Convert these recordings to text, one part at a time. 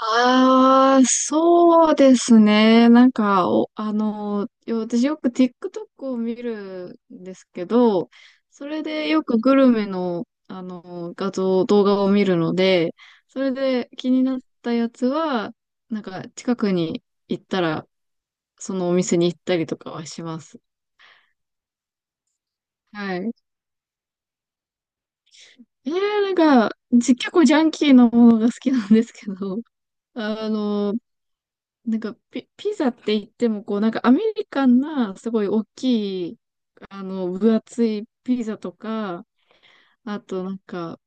ああ、そうですね。なんか、お、あの、よ私よく TikTok を見るんですけど、それでよくグルメの、画像、動画を見るので、それで気になったやつは、なんか近くに行ったら、そのお店に行ったりとかはします。はい。なんか、結構ジャンキーなものが好きなんですけど、あの、なんかピザって言っても、こう、なんかアメリカンな、すごい大きい、あの、分厚いピザとか、あとなんか、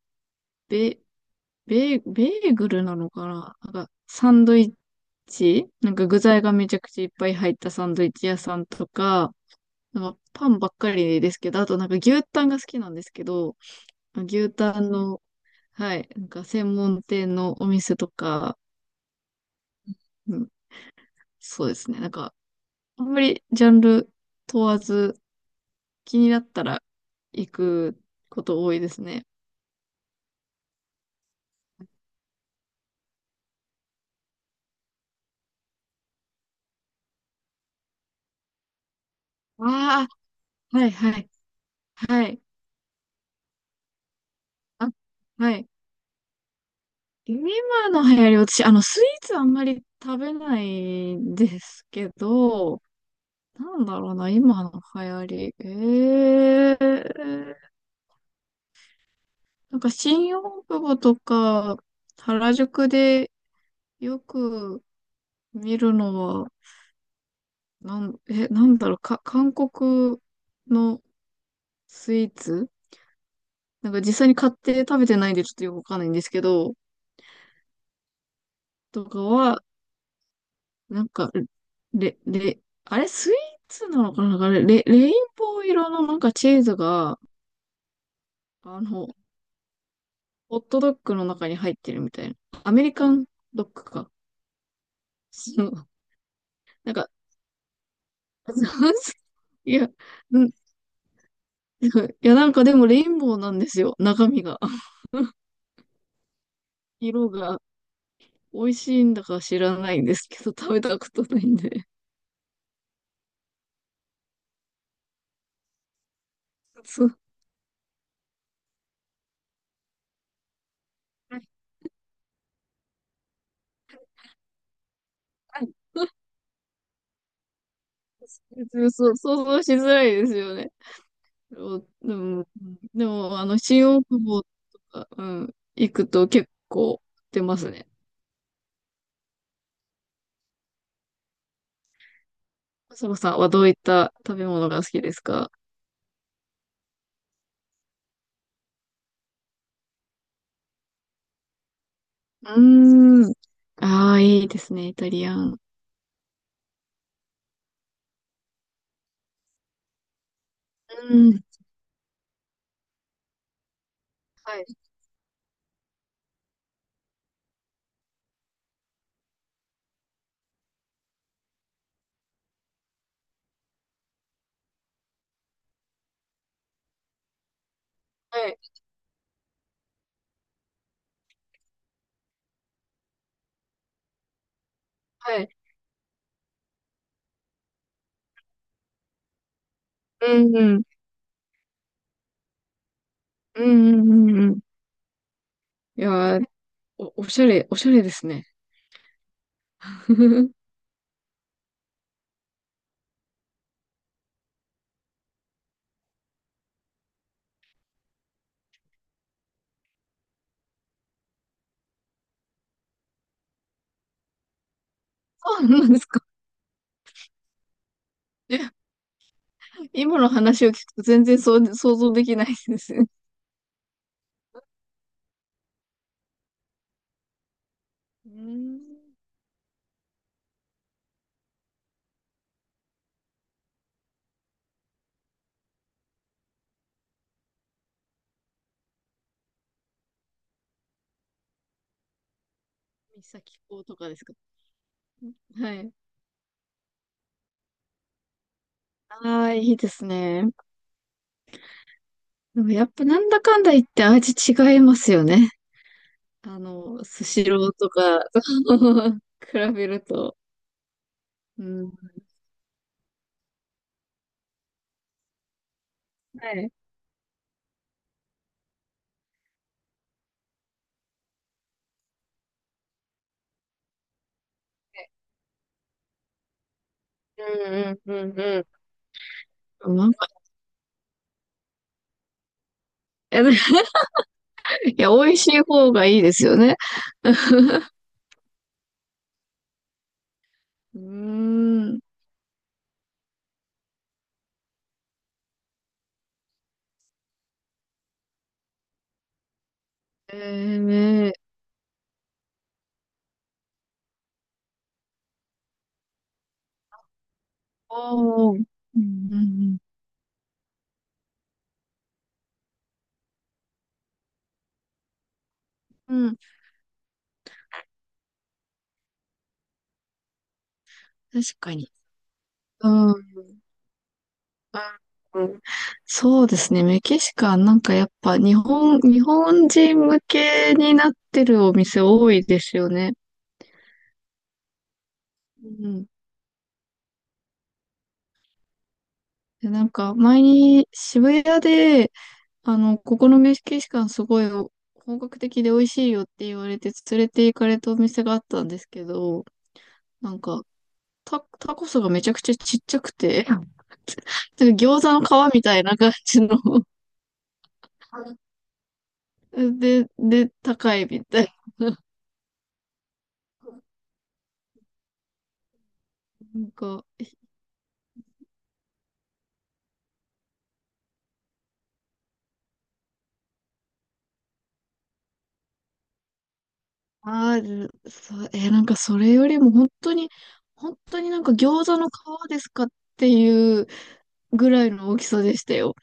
ベ、ベー、ベーグルなのかななんか、サンドイッチなんか具材がめちゃくちゃいっぱい入ったサンドイッチ屋さんとか、なんかパンばっかりですけど、あとなんか牛タンが好きなんですけど、牛タンの、はい、なんか専門店のお店とか、うん、そうですね。なんか、あんまりジャンル問わず、気になったら行くこと多いですね。ああ、はいはい、はい。あ、はい。今の流行り、私、あの、スイーツあんまり食べないんですけど、なんだろうな、今の流行り。ええー、なんか新大久保とか、原宿でよく見るのは、なんだろう、韓国のスイーツなんか実際に買って食べてないんでちょっとよくわかんないんですけど、とかは、なんか、あれスイーツなのかななんかレインボー色のなんかチーズが、あの、ホットドッグの中に入ってるみたいな。アメリカンドッグか。そうなんか、いや、うん、いやなんかでもレインボーなんですよ、中身が。色が美味しいんだか知らないんですけど、食べたことないんで。そう、はいそう、想像しづらいですよね。おでも、でも、あの、新大久保とか、うん、行くと結構売ってますね。そのさんはどういった食べ物が好きですか？うーん。ああ、いいですね、イタリアン。うん。はい、はい、はい。うん、うん、うん、うん、うんうん。いやー、おしゃれですね。そうなんですか。え今の話を聞くと全然そう想像できないですね。うーん。三崎港とかですか？はい。ああ、いいですね。でもやっぱなんだかんだ言って味違いますよね。あの、スシローとか、比べると。うん。はい。うんうんうんうん。なんか、えでいや、美味しい方がいいですよね。うーん。えー、ねおー。うんうんうん。うん、確かに。うん。うんうんそうですね。メキシカン、なんかやっぱ日本人向けになってるお店多いですよね。うんでなんか、前に渋谷で、あの、ここのメキシカンすごい本格的で美味しいよって言われて連れて行かれたお店があったんですけど、なんか、タコスがめちゃくちゃちっちゃくて、うんなんか餃子の皮みたいな感じの で、で、高いみたいな。なんか、ある、そう、えーなんかそれよりも本当に、本当になんか餃子の皮ですかっていうぐらいの大きさでしたよ。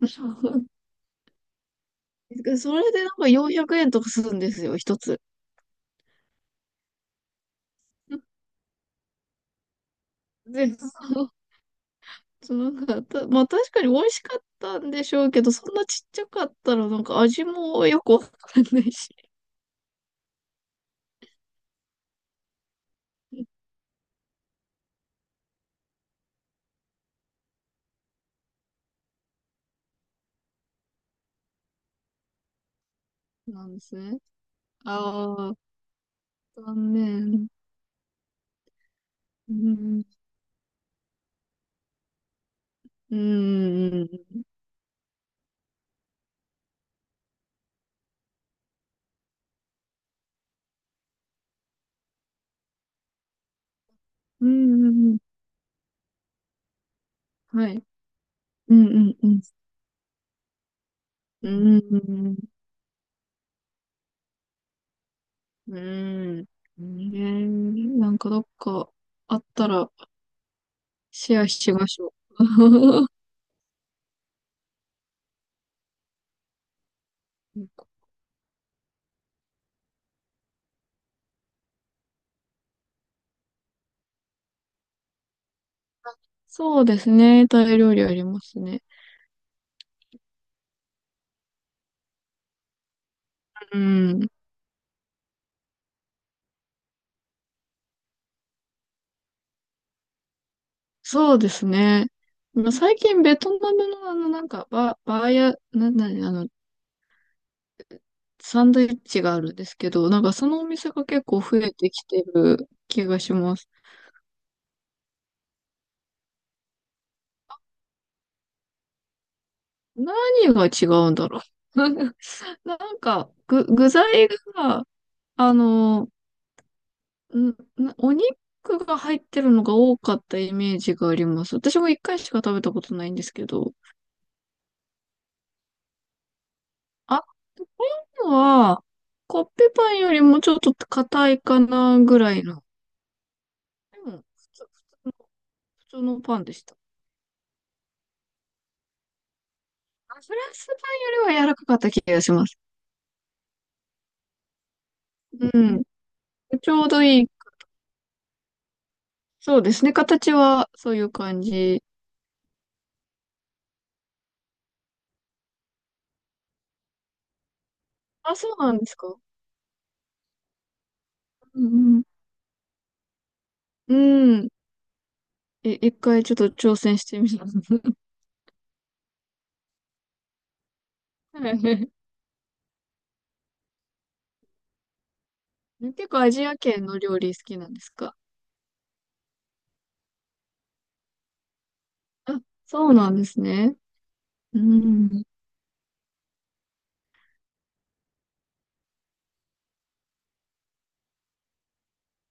それでなんか400円とかするんですよ、一つ。で、そうそうなんかた、まあ確かに美味しかったんでしょうけど、そんなちっちゃかったらなんか味もよくわかんないし。なんですね。ああ、残念。うん、うん、うん、うん、うんはい。うん、うん、うん、うん、うん、うん、ねえなんかどっかあったらシェアしましょう。そうですね。タイ料理ありますね。うん。そうですね。まあ最近ベトナムのあの、なんか、バ、バーや、なんだね、あの、サンドイッチがあるんですけど、なんかそのお店が結構増えてきてる気がします。何が違うんだろう。なんか、具材が、あの、ん、なお肉が入ってるのが多かったイメージがあります。私も一回しか食べたことないんですけど。あ、こういうのは、コッペパンよりもちょっと硬いかなぐらいの。でも、通、普通の、普通のパンでした。あフランスパンよりは柔らかかった気がします。うん。ちょうどいい。そうですね。形はそういう感じ。あ、そうなんですか。うんうん。うん。え、一回ちょっと挑戦してみます。はい結構アジア圏の料理好きなんですか？あ、そうなんですね。うん。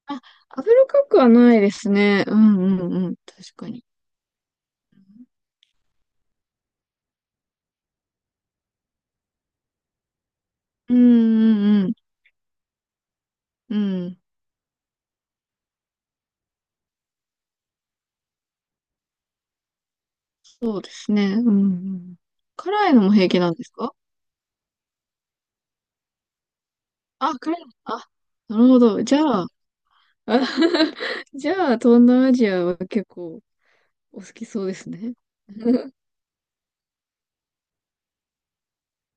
あ、油かくはないですね。うんうんうん。確かに。うんうんうん。うん。そうですね。うんうん。辛いのも平気なんですか？あ、辛いの。あ、なるほど。じゃあ、じゃあ、東南アジアは結構お好きそうですね。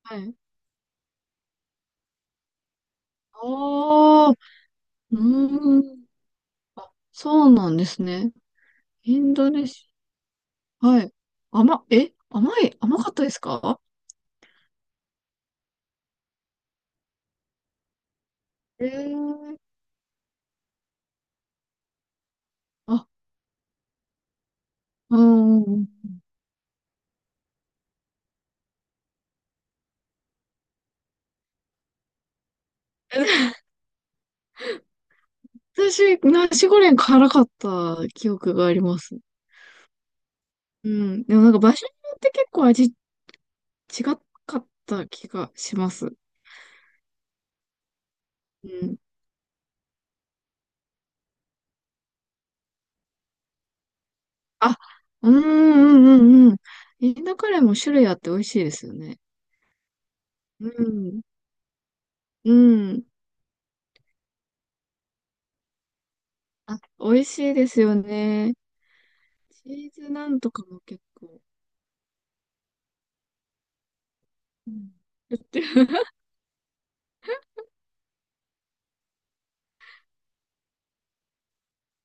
はい。ああ、うーん。そうなんですね。インドネシア。はい。甘、え、甘い、甘かったですか？ええーあ、うんうんうん。私、ナシゴレン辛かった記憶があります。うん。でもなんか場所によって結構味違かった気がします。うん。あ、うんうんうんうん。インドカレーも種類あって美味しいですよね。うん。うん。あ、美味しいですよね。チーズなんとかも結構。うん。